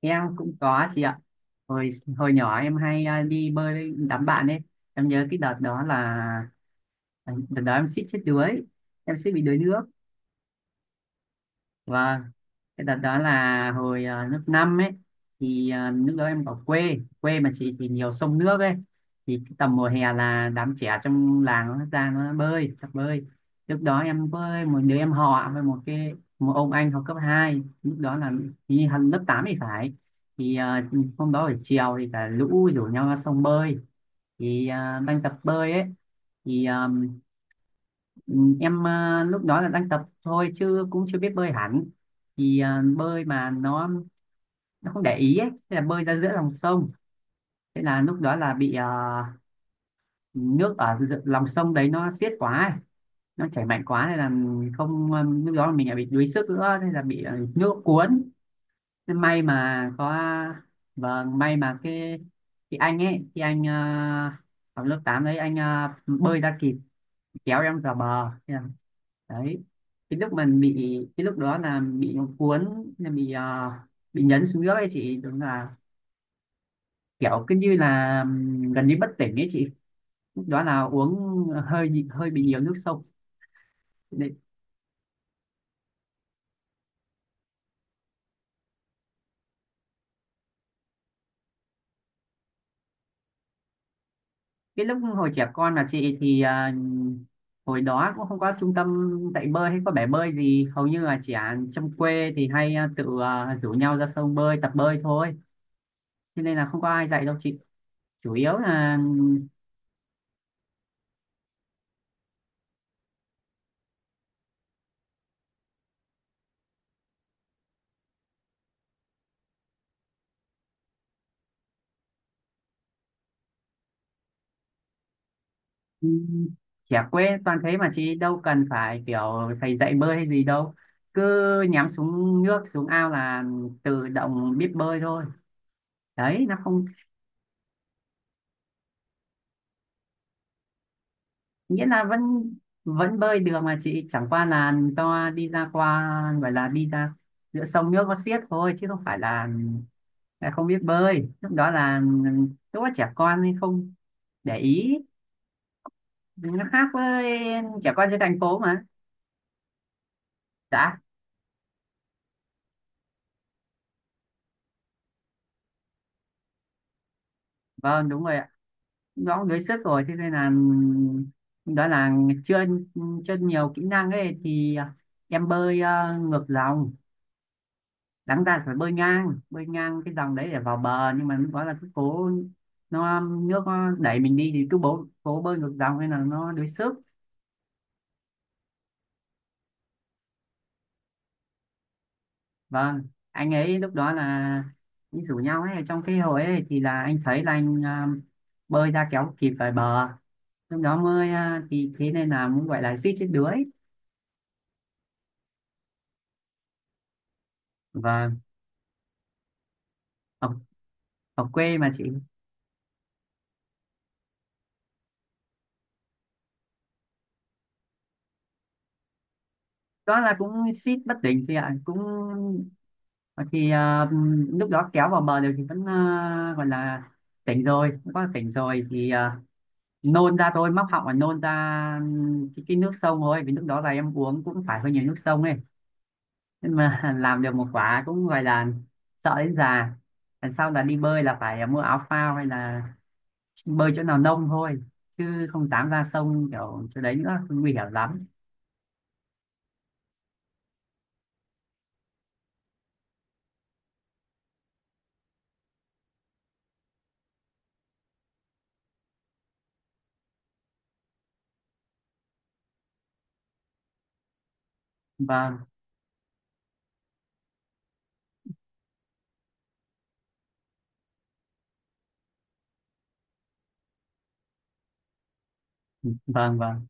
Em cũng có chị ạ. Hồi hồi nhỏ em hay đi bơi với đám bạn ấy. Em nhớ cái đợt đó là đợt đó em suýt chết đuối. Em suýt bị đuối nước. Và cái đợt đó là hồi lớp 5 ấy, thì lúc đó em ở quê quê mà chị thì nhiều sông nước ấy, thì cái tầm mùa hè là đám trẻ trong làng nó ra nó bơi tập bơi. Lúc đó em với một đứa em họ với một ông anh học cấp 2, lúc đó là đi học lớp 8 thì phải, thì hôm đó buổi chiều thì cả lũ rủ nhau ra sông bơi, thì đang tập bơi ấy thì. Ừ, em lúc đó là đang tập thôi chứ cũng chưa biết bơi hẳn, thì bơi mà nó không để ý ấy, thế là bơi ra giữa lòng sông. Thế là lúc đó là bị nước ở lòng sông đấy nó xiết quá ấy. Nó chảy mạnh quá nên là không lúc đó là mình lại bị đuối sức nữa nên là bị nước cuốn. Thế may mà có, vâng, may mà cái anh ấy thì anh học lớp 8 đấy, anh bơi ra kịp kéo em vào bờ đấy. Cái lúc đó là bị nó cuốn, là bị à, bị nhấn xuống nước ấy chị, đúng là kiểu cứ như là gần như bất tỉnh ấy chị. Lúc đó là uống hơi hơi bị nhiều nước sông đấy. Cái lúc hồi trẻ con là chị thì hồi đó cũng không có trung tâm dạy bơi hay có bể bơi gì, hầu như là trẻ trong quê thì hay tự rủ nhau ra sông bơi tập bơi thôi, cho nên là không có ai dạy đâu chị, chủ yếu là. Ừ, trẻ quê toàn thế mà chị, đâu cần phải kiểu thầy dạy bơi hay gì đâu, cứ nhắm xuống nước xuống ao là tự động biết bơi thôi. Đấy nó không nghĩa là vẫn vẫn bơi được mà chị, chẳng qua là do đi ra qua, gọi là đi ra giữa sông nước có xiết thôi, chứ không phải là không biết bơi, lúc đó trẻ con nên không để ý, nó khác với trẻ con trên thành phố mà. Dạ vâng, đúng rồi, nó đuối sức rồi thế nên là, đó là chưa chưa nhiều kỹ năng ấy thì em bơi ngược dòng, đáng ra phải bơi ngang cái dòng đấy để vào bờ, nhưng mà lúc đó là cứ cố, nó nước nó đẩy mình đi thì cứ cố bơi ngược dòng nên là nó đuối sức. Vâng, anh ấy lúc đó là đi rủ nhau ấy trong cái hồi ấy thì là anh thấy là anh bơi ra kéo kịp về bờ. Lúc đó mới thì thế nên là muốn gọi là suýt chết đuối. Vâng, ở quê mà chị. Đó là cũng suýt bất tỉnh chị ạ, cũng thì lúc đó kéo vào bờ được thì vẫn gọi là tỉnh rồi, cũng có tỉnh rồi thì nôn ra thôi, móc họng và nôn ra cái nước sông thôi, vì lúc đó là em uống cũng phải hơi nhiều nước sông ấy, nhưng mà làm được một quả cũng gọi là sợ đến già. Lần sau là đi bơi là phải mua áo phao hay là bơi chỗ nào nông thôi, chứ không dám ra sông kiểu chỗ đấy nữa, nguy hiểm lắm. Vâng, vâng, vâng.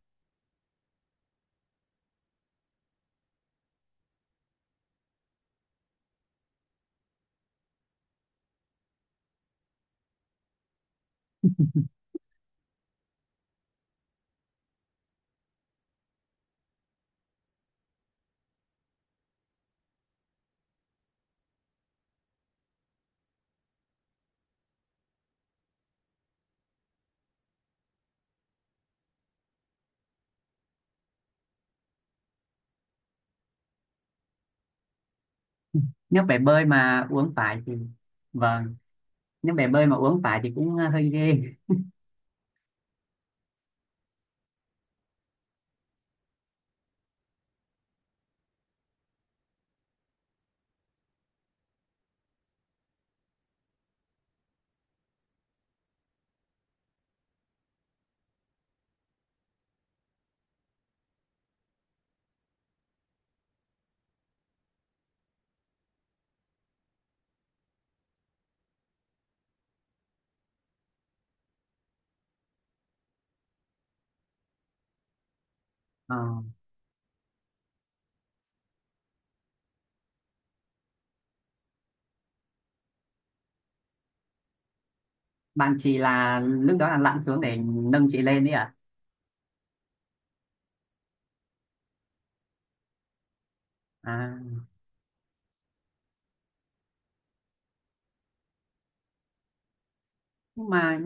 Nếu bể bơi mà uống phải thì, vâng, nước bể bơi mà uống phải thì cũng hơi ghê. Ờ, bạn chị là lúc đó là lặn xuống để nâng chị lên đấy à? À, nhưng mà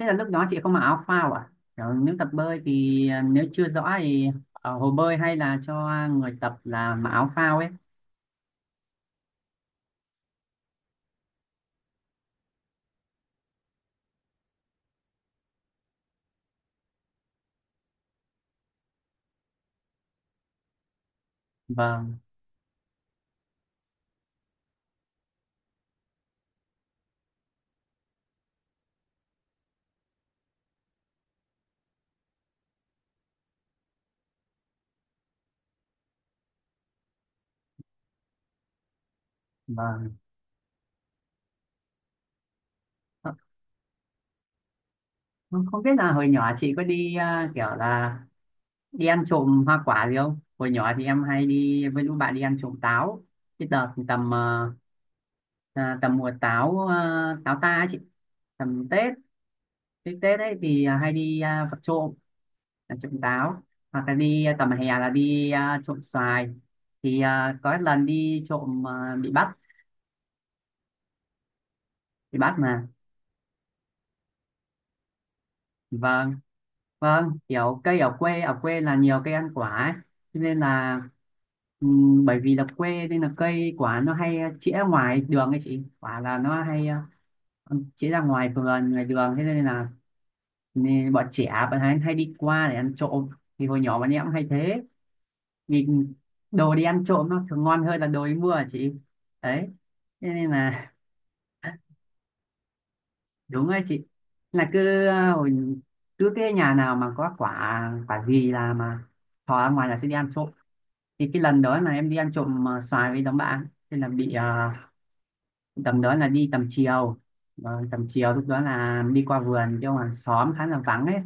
thế là lúc đó chị không mặc áo phao à? Kiểu nếu tập bơi thì nếu chưa rõ thì ở hồ bơi hay là cho người tập là mặc áo phao ấy. Vâng, vâng. Ờ, Không không biết là hồi nhỏ chị có đi kiểu là đi ăn trộm hoa quả gì không? Hồi nhỏ thì em hay đi với lũ bạn đi ăn trộm táo. Cái đợt tầm tầm mùa táo, táo ta ấy chị, tầm Tết, cái Tết ấy thì hay đi vặt trộm, trộm táo, hoặc là đi tầm hè là đi trộm xoài, thì có một lần đi trộm bị bắt mà, vâng, vâng, kiểu cây ở quê là nhiều cây ăn quả ấy. Cho nên là bởi vì là quê nên là cây quả nó hay chĩa ngoài đường ấy chị, quả là nó hay chĩa ra ngoài vườn ngoài đường, thế nên là nên bọn trẻ bạn hay đi qua để ăn trộm, thì hồi nhỏ bọn em cũng hay thế. Nhìn đồ đi ăn trộm nó thường ngon hơn là đồ đi mua hả chị? Đấy thế nên là đúng rồi chị, là cứ hồi, cứ cái nhà nào mà có quả quả gì là mà thò ra ngoài là sẽ đi ăn trộm. Thì cái lần đó là em đi ăn trộm xoài với đám bạn thế là bị tầm đó là đi tầm chiều, vâng, tầm chiều lúc đó là đi qua vườn chỗ hàng xóm khá là vắng ấy,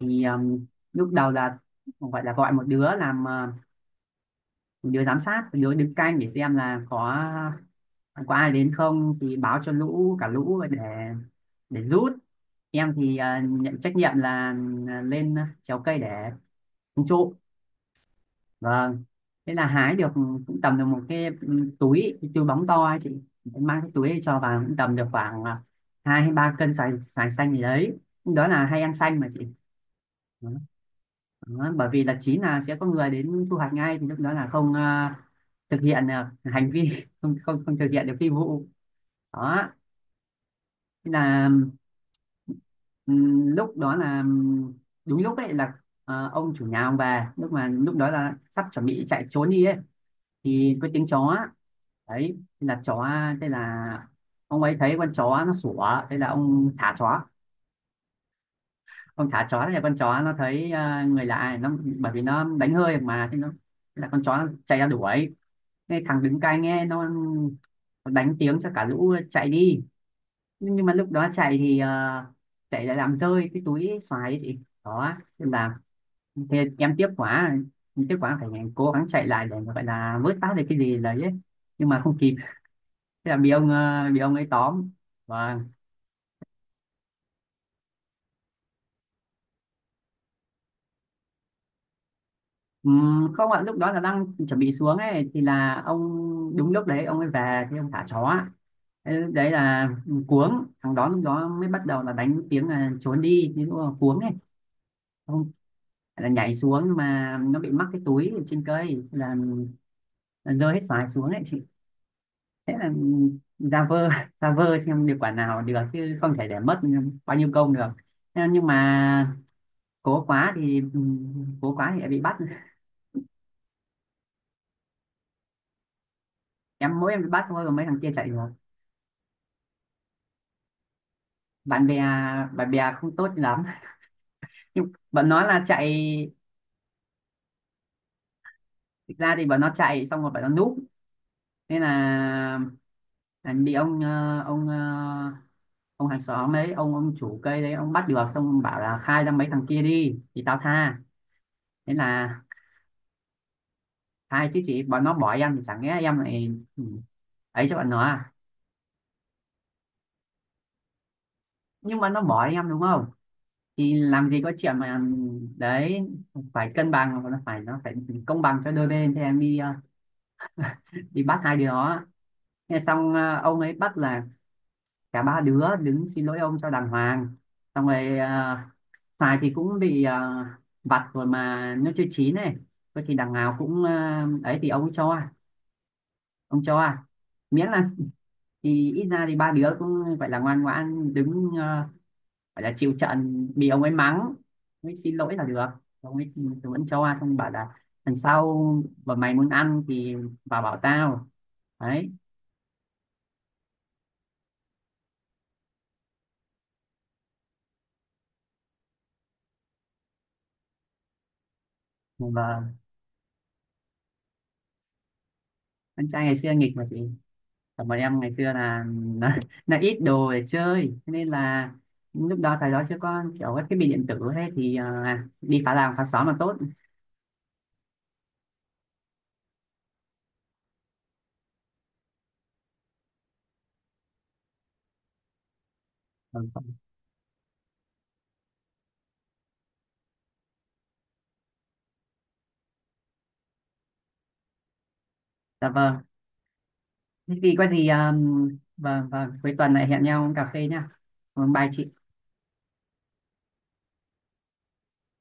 thì lúc đầu là gọi một đứa làm một đứa giám sát, một đứa đứng canh để xem là có ờ, có ai đến không thì báo cho cả lũ để rút. Em thì nhận trách nhiệm là lên trèo cây để hái trộm. Vâng, thế là hái được cũng tầm được một cái, cái túi bóng to ấy chị. Em mang cái túi ấy cho vào cũng tầm được khoảng 2 hay 3 cân xoài xoài xanh gì đấy, đó là hay ăn xanh mà chị. Vâng. Đó, bởi vì là chín là sẽ có người đến thu hoạch ngay, thì lúc đó là không thực hiện được hành vi. không không không thực hiện được phi vụ đó. Thế là lúc đó là đúng lúc ấy là ông chủ nhà ông về, lúc đó là sắp chuẩn bị chạy trốn đi ấy thì có tiếng chó đấy. Thế là chó, thế là ông ấy thấy con chó nó sủa thế là ông thả chó, con thả chó thì con chó nó thấy người lạ, nó bởi vì nó đánh hơi mà thế nó, thế là con chó nó chạy ra đuổi. Thế thằng đứng cai nghe nó đánh tiếng cho cả lũ chạy đi, nhưng mà lúc đó chạy thì chạy lại làm rơi cái túi xoài ấy chị, đó nên là thế em tiếc quá phải cố gắng chạy lại để mà gọi là vớt phát được cái gì đấy ấy, nhưng mà không kịp, thế là bị ông ấy tóm và. Không ạ, lúc đó là đang chuẩn bị xuống ấy thì là ông, đúng lúc đấy ông ấy về thì ông thả chó ạ. Thế lúc đấy là cuống, thằng đó lúc đó mới bắt đầu là đánh tiếng là trốn đi nhưng mà cuống ấy, ông là nhảy xuống nhưng mà nó bị mắc cái túi ở trên cây là rơi hết xoài xuống ấy chị, thế là ra vơ ra vơ xem được quả nào được chứ không thể để mất bao nhiêu công được. Thế nhưng mà cố quá thì cố quá thì lại bị bắt. Em mỗi em bị bắt thôi còn mấy thằng kia chạy rồi, bạn bè bạn bè không tốt lắm, nhưng bọn nó là chạy, thực ra thì bọn nó chạy xong rồi bọn nó núp nên là bị ông hàng xóm ấy, ông chủ cây đấy ông bắt được, xong bảo là khai ra mấy thằng kia đi thì tao tha, nên là khai chứ chị, bọn nó bỏ em thì chẳng lẽ em lại ừ, ấy cho bọn nó à, nhưng mà nó bỏ em đúng không thì làm gì có chuyện mà đấy, phải cân bằng nó phải công bằng cho đôi bên. Thì em đi đi bắt hai đứa đó. Nghe xong ông ấy bắt là cả ba đứa đứng xin lỗi ông cho đàng hoàng, xong rồi xoài thì cũng bị vặt rồi mà nó chưa chín này, thôi thì đằng nào cũng ấy thì ông ấy cho, ông cho miễn là, thì ít ra thì ba đứa cũng gọi là ngoan ngoãn đứng gọi là chịu trận bị ông ấy mắng mới xin lỗi là được. Ông ấy thì vẫn cho xong bảo là lần sau mà mày muốn ăn thì vào bảo tao đấy. Và anh trai ngày xưa nghịch mà chị. Còn bọn em ngày xưa là ít đồ để chơi. Thế nên là lúc đó thời đó chưa có kiểu các thiết bị điện tử thế thì đi phá làng phá xóm là tốt. Vâng, vâng. Dạ vâng, thế thì có gì vâng, vâng, cuối tuần lại hẹn nhau uống cà phê nha. Vâng, bye chị.